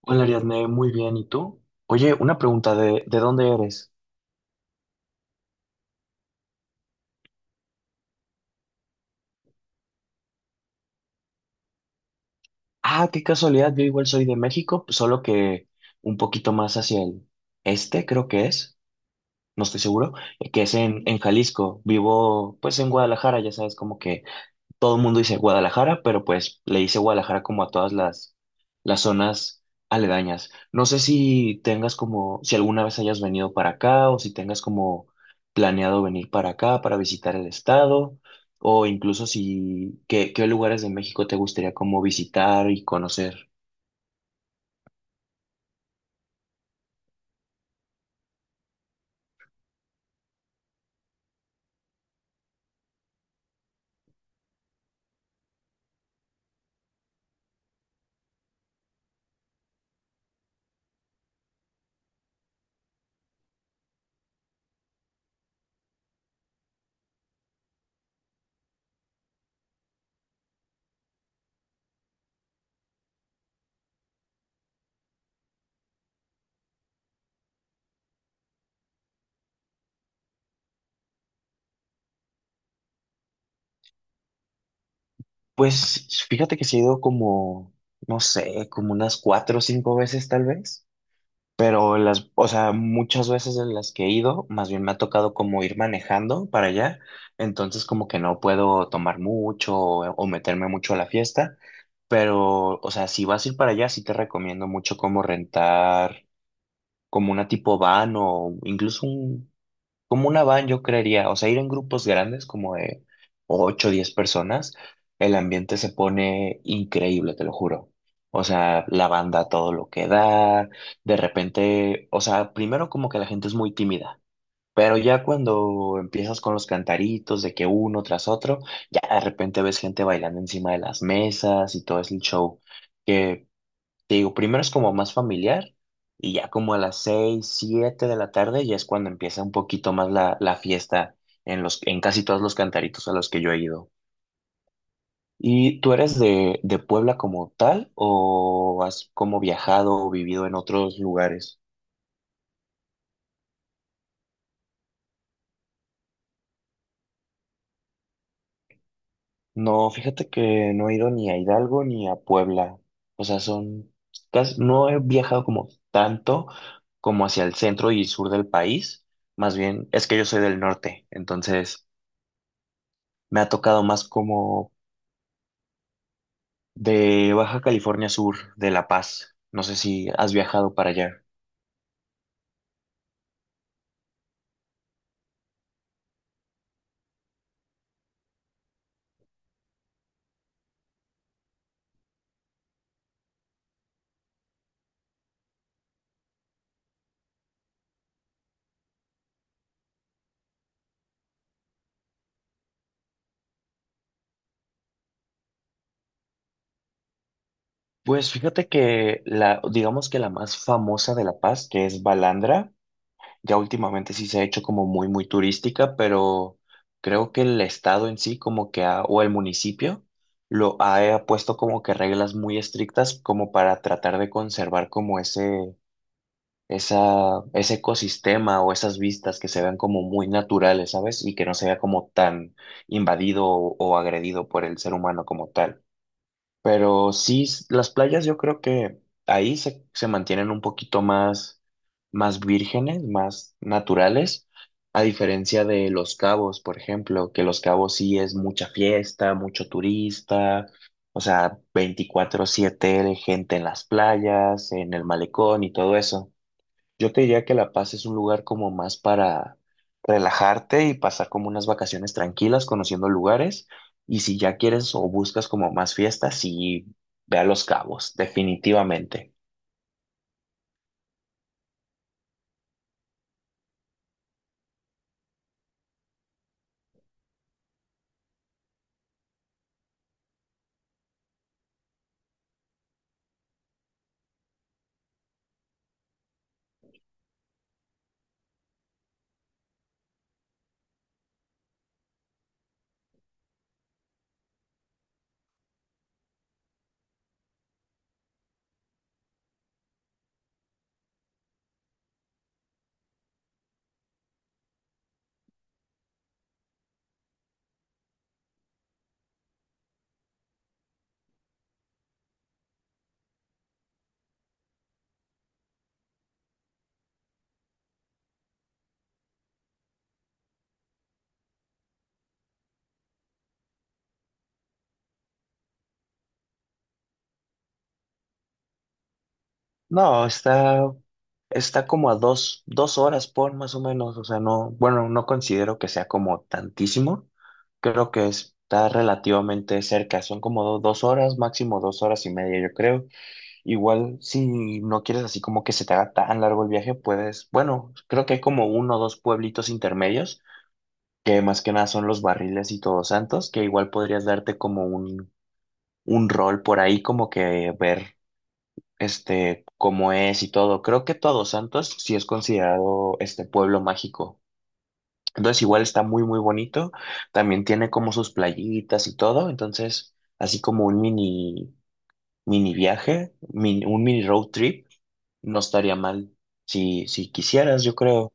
Hola Ariadne, muy bien. ¿Y tú? Oye, una pregunta ¿de dónde eres? Ah, qué casualidad, yo igual soy de México, solo que un poquito más hacia el este, creo que es, no estoy seguro, que es en Jalisco. Vivo pues en Guadalajara, ya sabes, como que todo el mundo dice Guadalajara, pero pues le dice Guadalajara como a todas las zonas aledañas. No sé si tengas como, si alguna vez hayas venido para acá o si tengas como planeado venir para acá para visitar el estado o incluso si, qué, qué lugares de México te gustaría como visitar y conocer. Pues fíjate que se ha ido como, no sé, como unas cuatro o cinco veces tal vez. Pero las, o sea, muchas veces en las que he ido, más bien me ha tocado como ir manejando para allá, entonces como que no puedo tomar mucho o meterme mucho a la fiesta, pero, o sea, si vas a ir para allá, sí te recomiendo mucho como rentar como una tipo van o incluso un como una van, yo creería, o sea, ir en grupos grandes, como de 8 o 10 personas, el ambiente se pone increíble, te lo juro. O sea, la banda todo lo que da, de repente, o sea, primero como que la gente es muy tímida, pero ya cuando empiezas con los cantaritos de que uno tras otro, ya de repente ves gente bailando encima de las mesas y todo es el show, que te digo, primero es como más familiar y ya como a las seis, siete de la tarde ya es cuando empieza un poquito más la fiesta en en casi todos los cantaritos a los que yo he ido. ¿Y tú eres de Puebla como tal o has como viajado o vivido en otros lugares? No, fíjate que no he ido ni a Hidalgo ni a Puebla. O sea, son casi, no he viajado como tanto como hacia el centro y sur del país. Más bien, es que yo soy del norte, entonces me ha tocado más como de Baja California Sur, de La Paz. No sé si has viajado para allá. Pues fíjate que la, digamos que la más famosa de La Paz, que es Balandra, ya últimamente sí se ha hecho como muy, muy turística, pero creo que el estado en sí, como que ha, o el municipio, lo ha puesto como que reglas muy estrictas como para tratar de conservar como ese esa, ese ecosistema o esas vistas que se vean como muy naturales, ¿sabes? Y que no se vea como tan invadido o agredido por el ser humano como tal. Pero sí, las playas yo creo que ahí se, se mantienen un poquito más, más vírgenes, más naturales, a diferencia de Los Cabos, por ejemplo, que Los Cabos sí es mucha fiesta, mucho turista. O sea, 24/7 gente en las playas, en el malecón y todo eso. Yo te diría que La Paz es un lugar como más para relajarte y pasar como unas vacaciones tranquilas, conociendo lugares. Y si ya quieres o buscas como más fiestas, sí, ve a Los Cabos, definitivamente. No, está como a dos, dos horas por más o menos. O sea, no, bueno, no considero que sea como tantísimo. Creo que está relativamente cerca. Son como dos horas, máximo dos horas y media, yo creo. Igual, si no quieres así como que se te haga tan largo el viaje, puedes, bueno, creo que hay como uno o dos pueblitos intermedios, que más que nada son los Barriles y Todos Santos, que igual podrías darte como un rol por ahí, como que ver este cómo es y todo. Creo que Todos Santos sí es considerado este pueblo mágico. Entonces igual está muy muy bonito, también tiene como sus playitas y todo, entonces así como un mini mini viaje, un mini road trip no estaría mal si, si quisieras, yo creo.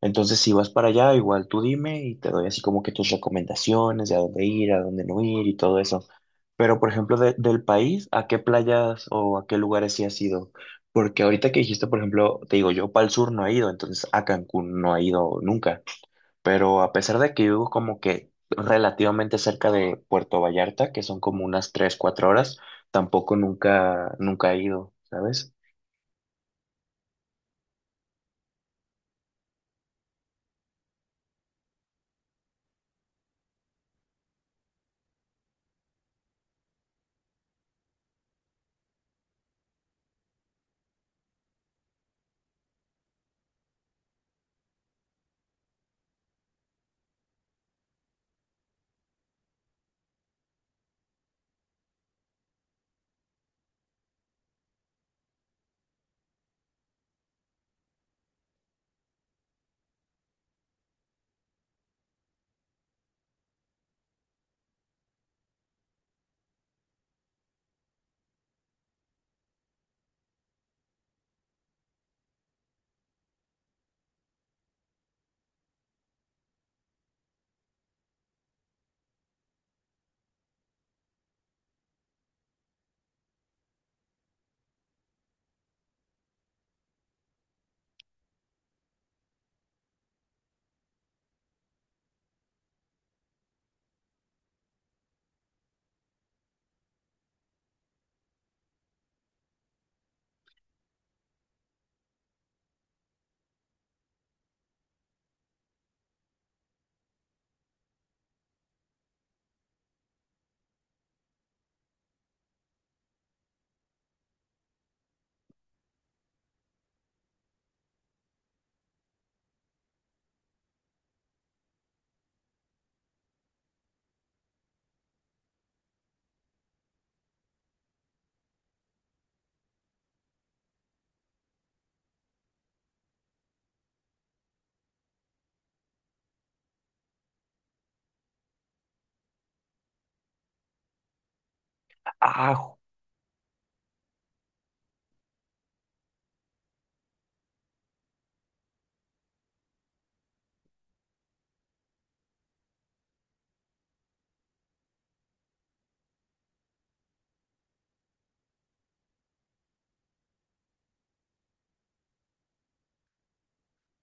Entonces, si vas para allá, igual tú dime y te doy así como que tus recomendaciones de a dónde ir, a dónde no ir y todo eso. Pero, por ejemplo, del país, ¿a qué playas o a qué lugares sí has ido? Porque ahorita que dijiste, por ejemplo, te digo, yo para el sur no he ido, entonces a Cancún no he ido nunca. Pero a pesar de que vivo como que relativamente cerca de Puerto Vallarta, que son como unas 3 4 horas, tampoco nunca, nunca he ido, ¿sabes? Ah,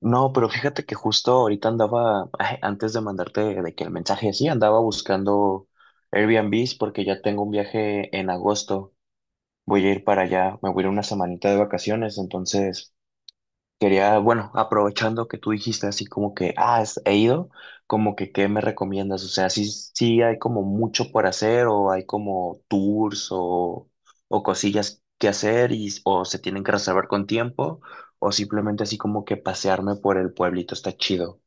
no, pero fíjate que justo ahorita andaba, antes de mandarte de que el mensaje, sí, andaba buscando Airbnbs porque ya tengo un viaje en agosto. Voy a ir para allá, me voy a ir una semanita de vacaciones, entonces quería, bueno, aprovechando que tú dijiste así como que, ah, he ido, como que, ¿qué me recomiendas? O sea, sí, sí hay como mucho por hacer o hay como tours o cosillas que hacer y, o se tienen que reservar con tiempo o simplemente así como que pasearme por el pueblito está chido.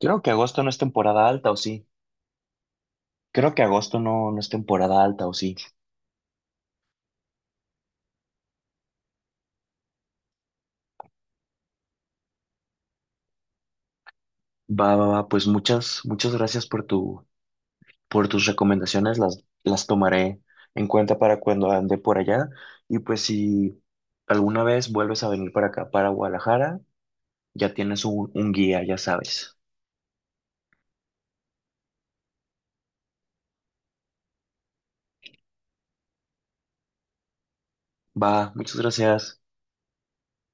Creo que agosto no es temporada alta o sí. Creo que agosto no, no es temporada alta o sí. Va, va, va, pues muchas, muchas gracias por tu, por tus recomendaciones las tomaré en cuenta para cuando ande por allá. Y pues si alguna vez vuelves a venir para acá, para Guadalajara, ya tienes un guía, ya sabes. Va, muchas gracias.